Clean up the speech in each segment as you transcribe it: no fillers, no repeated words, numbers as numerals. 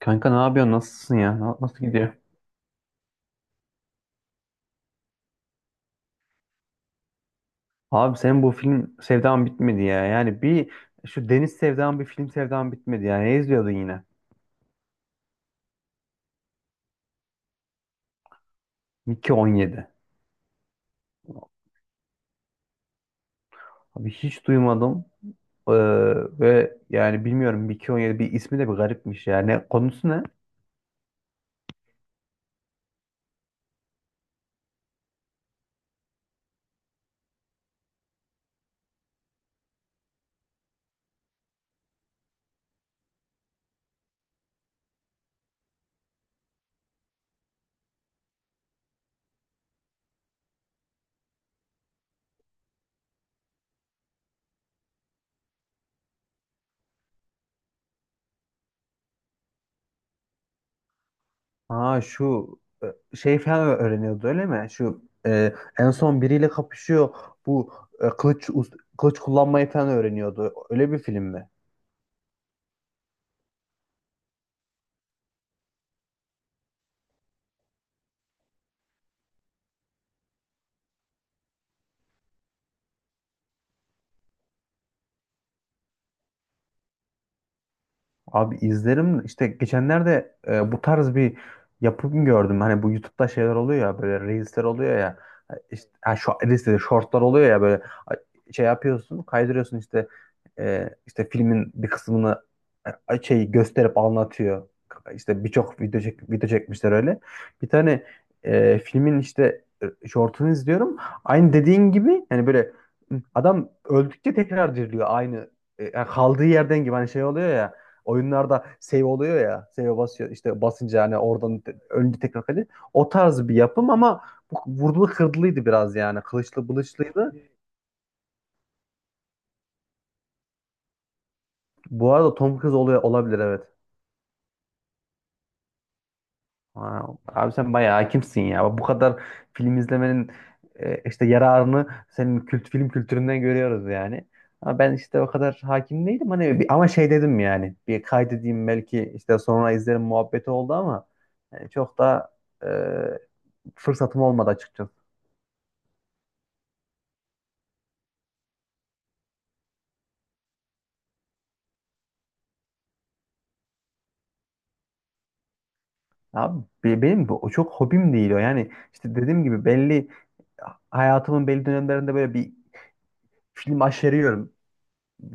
Kanka ne yapıyorsun? Nasılsın ya? Nasıl gidiyor? Abi senin bu film sevdan bitmedi ya. Yani şu deniz sevdan bir film sevdan bitmedi ya. Ne izliyordun yine? Mickey 17. Abi hiç duymadım. Ee, ve yani bilmiyorum, Mickey 17 bir ismi de bir garipmiş yani. Konusu ne? Aa, şu şey falan öğreniyordu, öyle mi? Şu en son biriyle kapışıyor. Bu kılıç kullanmayı falan öğreniyordu. Öyle bir film mi? Abi izlerim işte. Geçenlerde bu tarz bir yapım gördüm. Hani bu YouTube'da şeyler oluyor ya, böyle reelsler oluyor ya. İşte, ha, şu, reels dedi, shortlar oluyor ya, böyle şey yapıyorsun, kaydırıyorsun işte işte filmin bir kısmını şey gösterip anlatıyor. İşte birçok video, video çekmişler öyle. Bir tane filmin işte shortunu izliyorum. Aynı dediğin gibi yani, böyle adam öldükçe tekrar diriliyor, aynı yani kaldığı yerden gibi, hani şey oluyor ya, oyunlarda save oluyor ya. Save basıyor işte, basınca yani oradan önce tekrar kale. O tarz bir yapım ama bu vurdulu kırdılıydı biraz yani. Kılıçlı bılıçlıydı. Bu arada Tom Cruise oluyor olabilir, evet. Ha, abi sen bayağı hakimsin ya. Bu kadar film izlemenin işte yararını senin kült film kültüründen görüyoruz yani. Ama ben işte o kadar hakim değilim. Hani ama şey dedim yani. Bir kaydedeyim, belki işte sonra izlerim muhabbeti oldu ama yani çok da e, fırsatım olmadı açıkçası. Abi benim bu o çok hobim değil o. Yani işte dediğim gibi, belli hayatımın belli dönemlerinde böyle bir film aşeriyorum.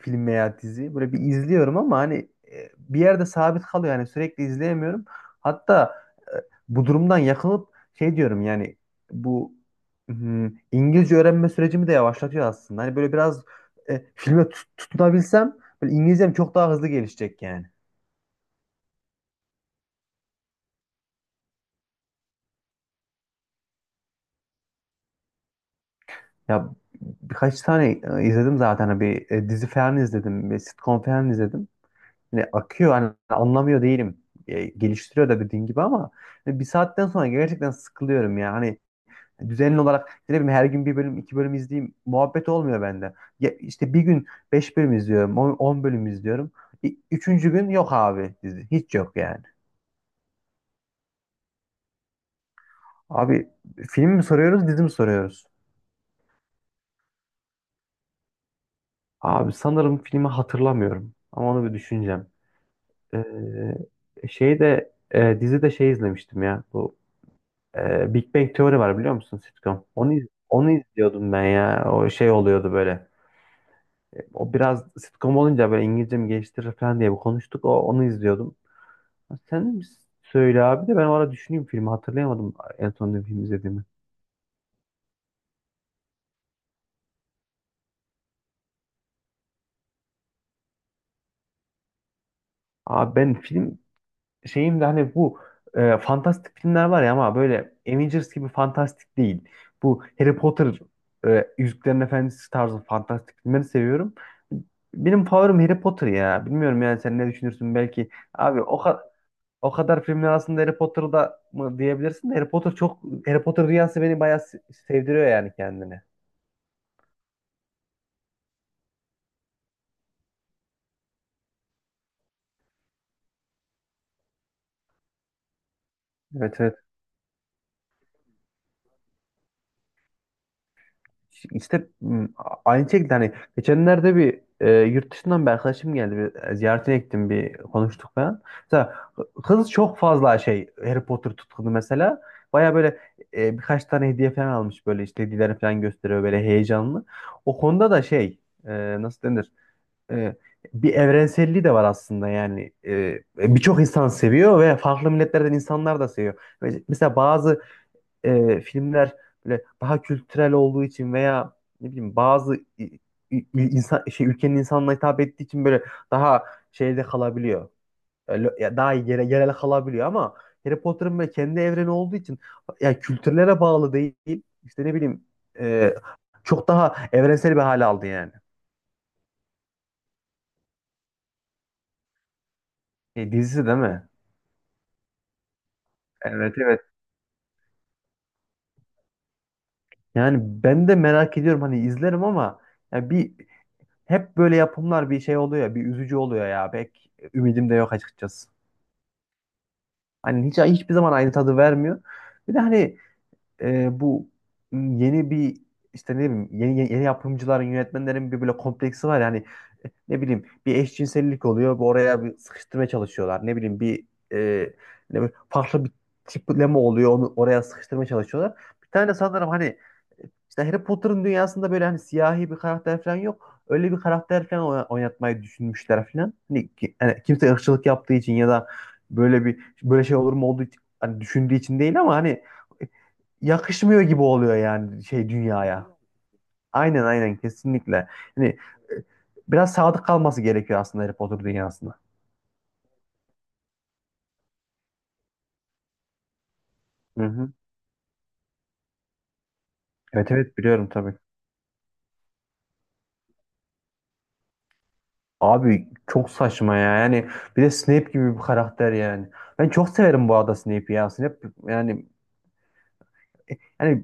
Film veya dizi. Böyle bir izliyorum ama hani bir yerde sabit kalıyor. Yani sürekli izleyemiyorum. Hatta e, bu durumdan yakınıp şey diyorum yani, bu hmm, İngilizce öğrenme sürecimi de yavaşlatıyor aslında. Hani böyle biraz filme tutunabilsem, böyle İngilizcem çok daha hızlı gelişecek yani. Ya birkaç tane izledim zaten. Hani bir dizi falan izledim. Bir sitcom falan izledim. Hani akıyor, hani anlamıyor değilim. Geliştiriyor da dediğin gibi ama hani bir saatten sonra gerçekten sıkılıyorum ya. Hani düzenli olarak, ne bileyim, her gün bir bölüm iki bölüm izleyeyim muhabbet olmuyor bende. Ya işte bir gün beş bölüm izliyorum. On bölüm izliyorum. Üçüncü gün yok abi dizi. Hiç yok yani. Abi film mi soruyoruz, dizi mi soruyoruz? Abi sanırım filmi hatırlamıyorum. Ama onu bir düşüneceğim. Şey de dizi de şey izlemiştim ya. Bu Big Bang Theory var, biliyor musun, sitcom? Onu onu izliyordum ben ya. O şey oluyordu böyle. O biraz sitcom olunca böyle İngilizcemi geliştirir falan diye bir konuştuk. O onu izliyordum. Sen söyle abi, de ben o ara düşüneyim, filmi hatırlayamadım en son ne film izlediğimi. Abi ben film şeyim de, hani bu fantastik filmler var ya, ama böyle Avengers gibi fantastik değil. Bu Harry Potter Yüzüklerin Efendisi tarzı fantastik filmleri seviyorum. Benim favorim Harry Potter ya. Bilmiyorum yani, sen ne düşünürsün belki. Abi o kadar o kadar filmler aslında Harry Potter'da mı diyebilirsin de, Harry Potter çok, Harry Potter dünyası beni bayağı sevdiriyor yani kendini. Evet, evet. İşte aynı şekilde, hani geçenlerde bir yurt dışından bir arkadaşım geldi. Bir ziyaretine gittim, bir konuştuk falan. Mesela kız çok fazla şey, Harry Potter tutkunu mesela. Baya böyle birkaç tane hediye falan almış, böyle işte hediyeleri falan gösteriyor böyle heyecanlı. O konuda da şey, nasıl denir? E, bir evrenselliği de var aslında yani. Birçok insan seviyor ve farklı milletlerden insanlar da seviyor. Mesela bazı filmler böyle daha kültürel olduğu için veya, ne bileyim, bazı insan şey, ülkenin insanına hitap ettiği için böyle daha şeyde kalabiliyor. Ya daha yerel kalabiliyor ama Harry Potter'ın böyle kendi evreni olduğu için ya, kültürlere bağlı değil. İşte ne bileyim, e, çok daha evrensel bir hale aldı yani. Dizisi değil mi? Evet, evet. Yani ben de merak ediyorum, hani izlerim ama ya hep böyle yapımlar bir şey oluyor ya, bir üzücü oluyor ya. Pek ümidim de yok açıkçası. Hani hiç hiçbir zaman aynı tadı vermiyor. Bir de hani bu yeni bir işte, ne bileyim, yeni, yeni, yeni yapımcıların yönetmenlerin bir böyle kompleksi var yani. Ne bileyim bir eşcinsellik oluyor, bir oraya bir sıkıştırmaya çalışıyorlar. Ne bileyim bir e, ne bileyim, farklı bir tipleme oluyor, onu oraya sıkıştırmaya çalışıyorlar. Bir tane de sanırım, hani işte Harry Potter'ın dünyasında böyle, hani siyahi bir karakter falan yok. Öyle bir karakter falan oynatmayı düşünmüşler falan. Hani, hani kimse ırkçılık yaptığı için ya da böyle bir böyle şey olur mu olduğu için, hani düşündüğü için değil ama, hani yakışmıyor gibi oluyor yani şey dünyaya. Aynen, aynen, kesinlikle. Hani biraz sadık kalması gerekiyor aslında Harry Potter dünyasına. Hı hı. Evet, evet, biliyorum tabii. Abi çok saçma ya. Yani bir de Snape gibi bir karakter yani. Ben çok severim bu arada Snape'i ya. Snape yani yani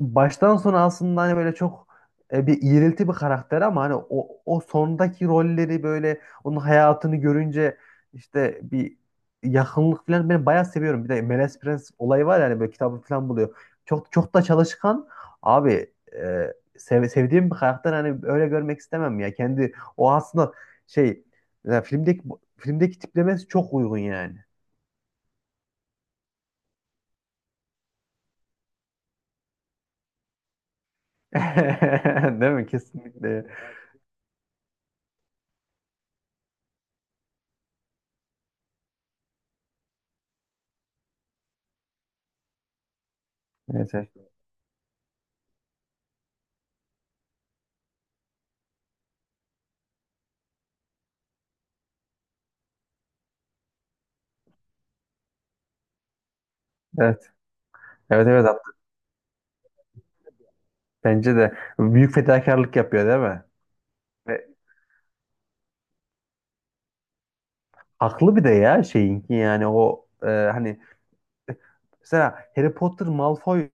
baştan sona aslında, hani böyle çok bir iğrilti bir karakter, ama hani o sondaki rolleri, böyle onun hayatını görünce işte bir yakınlık falan, ben bayağı seviyorum. Bir de Melez Prens olayı var yani, böyle kitabı falan buluyor. Çok çok da çalışkan abi, sevdiğim bir karakter, hani öyle görmek istemem ya. Kendi o aslında şey, mesela filmdeki tiplemesi çok uygun yani. Değil mi? Kesinlikle. Neyse. Evet. Evet, evet, bence de büyük fedakarlık yapıyor değil mi? Ve haklı. Bir de ya şeyinki yani, o hani, mesela Harry Potter Malfoy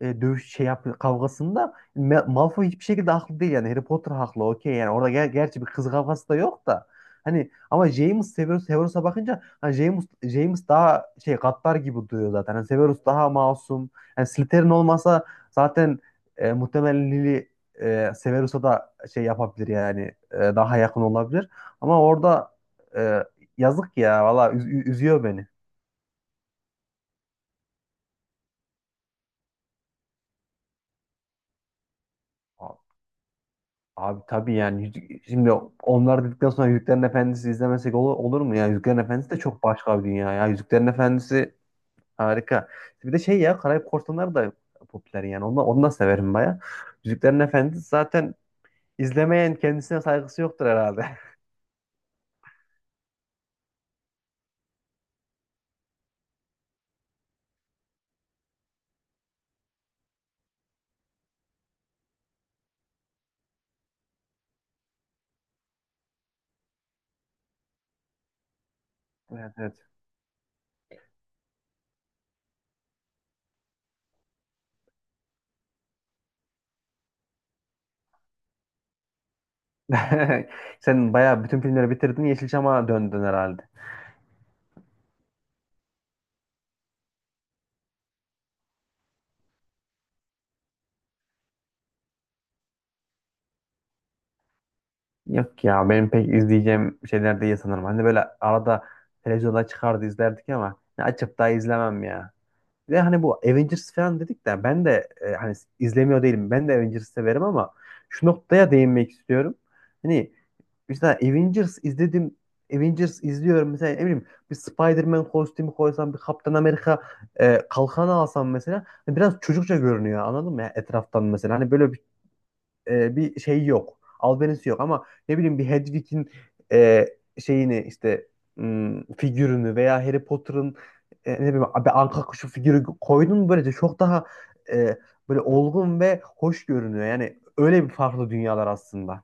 dövüş şey yap kavgasında, Malfoy hiçbir şekilde haklı değil yani, Harry Potter haklı, okey yani. Orada gerçi bir kız kavgası da yok da, hani ama James, Severus'a bakınca hani, James daha şey, gaddar gibi duruyor zaten, hani Severus daha masum yani. Slytherin olmasa zaten muhtemelen Lily Severus'a da şey yapabilir yani, daha yakın olabilir ama orada e, yazık ya, valla üzüyor beni. Abi tabii yani. Şimdi onlar dedikten sonra Yüzüklerin Efendisi izlemesek olur mu ya? Yüzüklerin Efendisi de çok başka bir dünya ya. Yüzüklerin Efendisi harika. Bir de şey ya, Karayip Korsanları da popüler yani. Onu da severim baya. Yüzüklerin Efendisi zaten izlemeyen kendisine saygısı yoktur herhalde. Evet, evet. Sen baya bütün filmleri bitirdin, Yeşilçam'a döndün herhalde. Yok ya, benim pek izleyeceğim şeyler değil sanırım. Hani böyle arada televizyonda çıkardı, izlerdik ama ne açıp daha izlemem ya. Ve hani bu Avengers falan dedik de, ben de hani izlemiyor değilim. Ben de Avengers severim ama şu noktaya değinmek istiyorum. Hani mesela Avengers izledim. Avengers izliyorum mesela, ne bileyim, bir Spider-Man kostümü koysam, bir Kaptan Amerika kalkanı alsam mesela, hani biraz çocukça görünüyor, anladın mı? Ya etraftan mesela, hani böyle bir bir şey yok. Albenisi yok. Ama ne bileyim, bir Hedwig'in e, şeyini işte, figürünü, veya Harry Potter'ın ne bileyim abi, anka kuşu figürü koydun mu, böylece çok daha e, böyle olgun ve hoş görünüyor. Yani öyle bir farklı dünyalar aslında.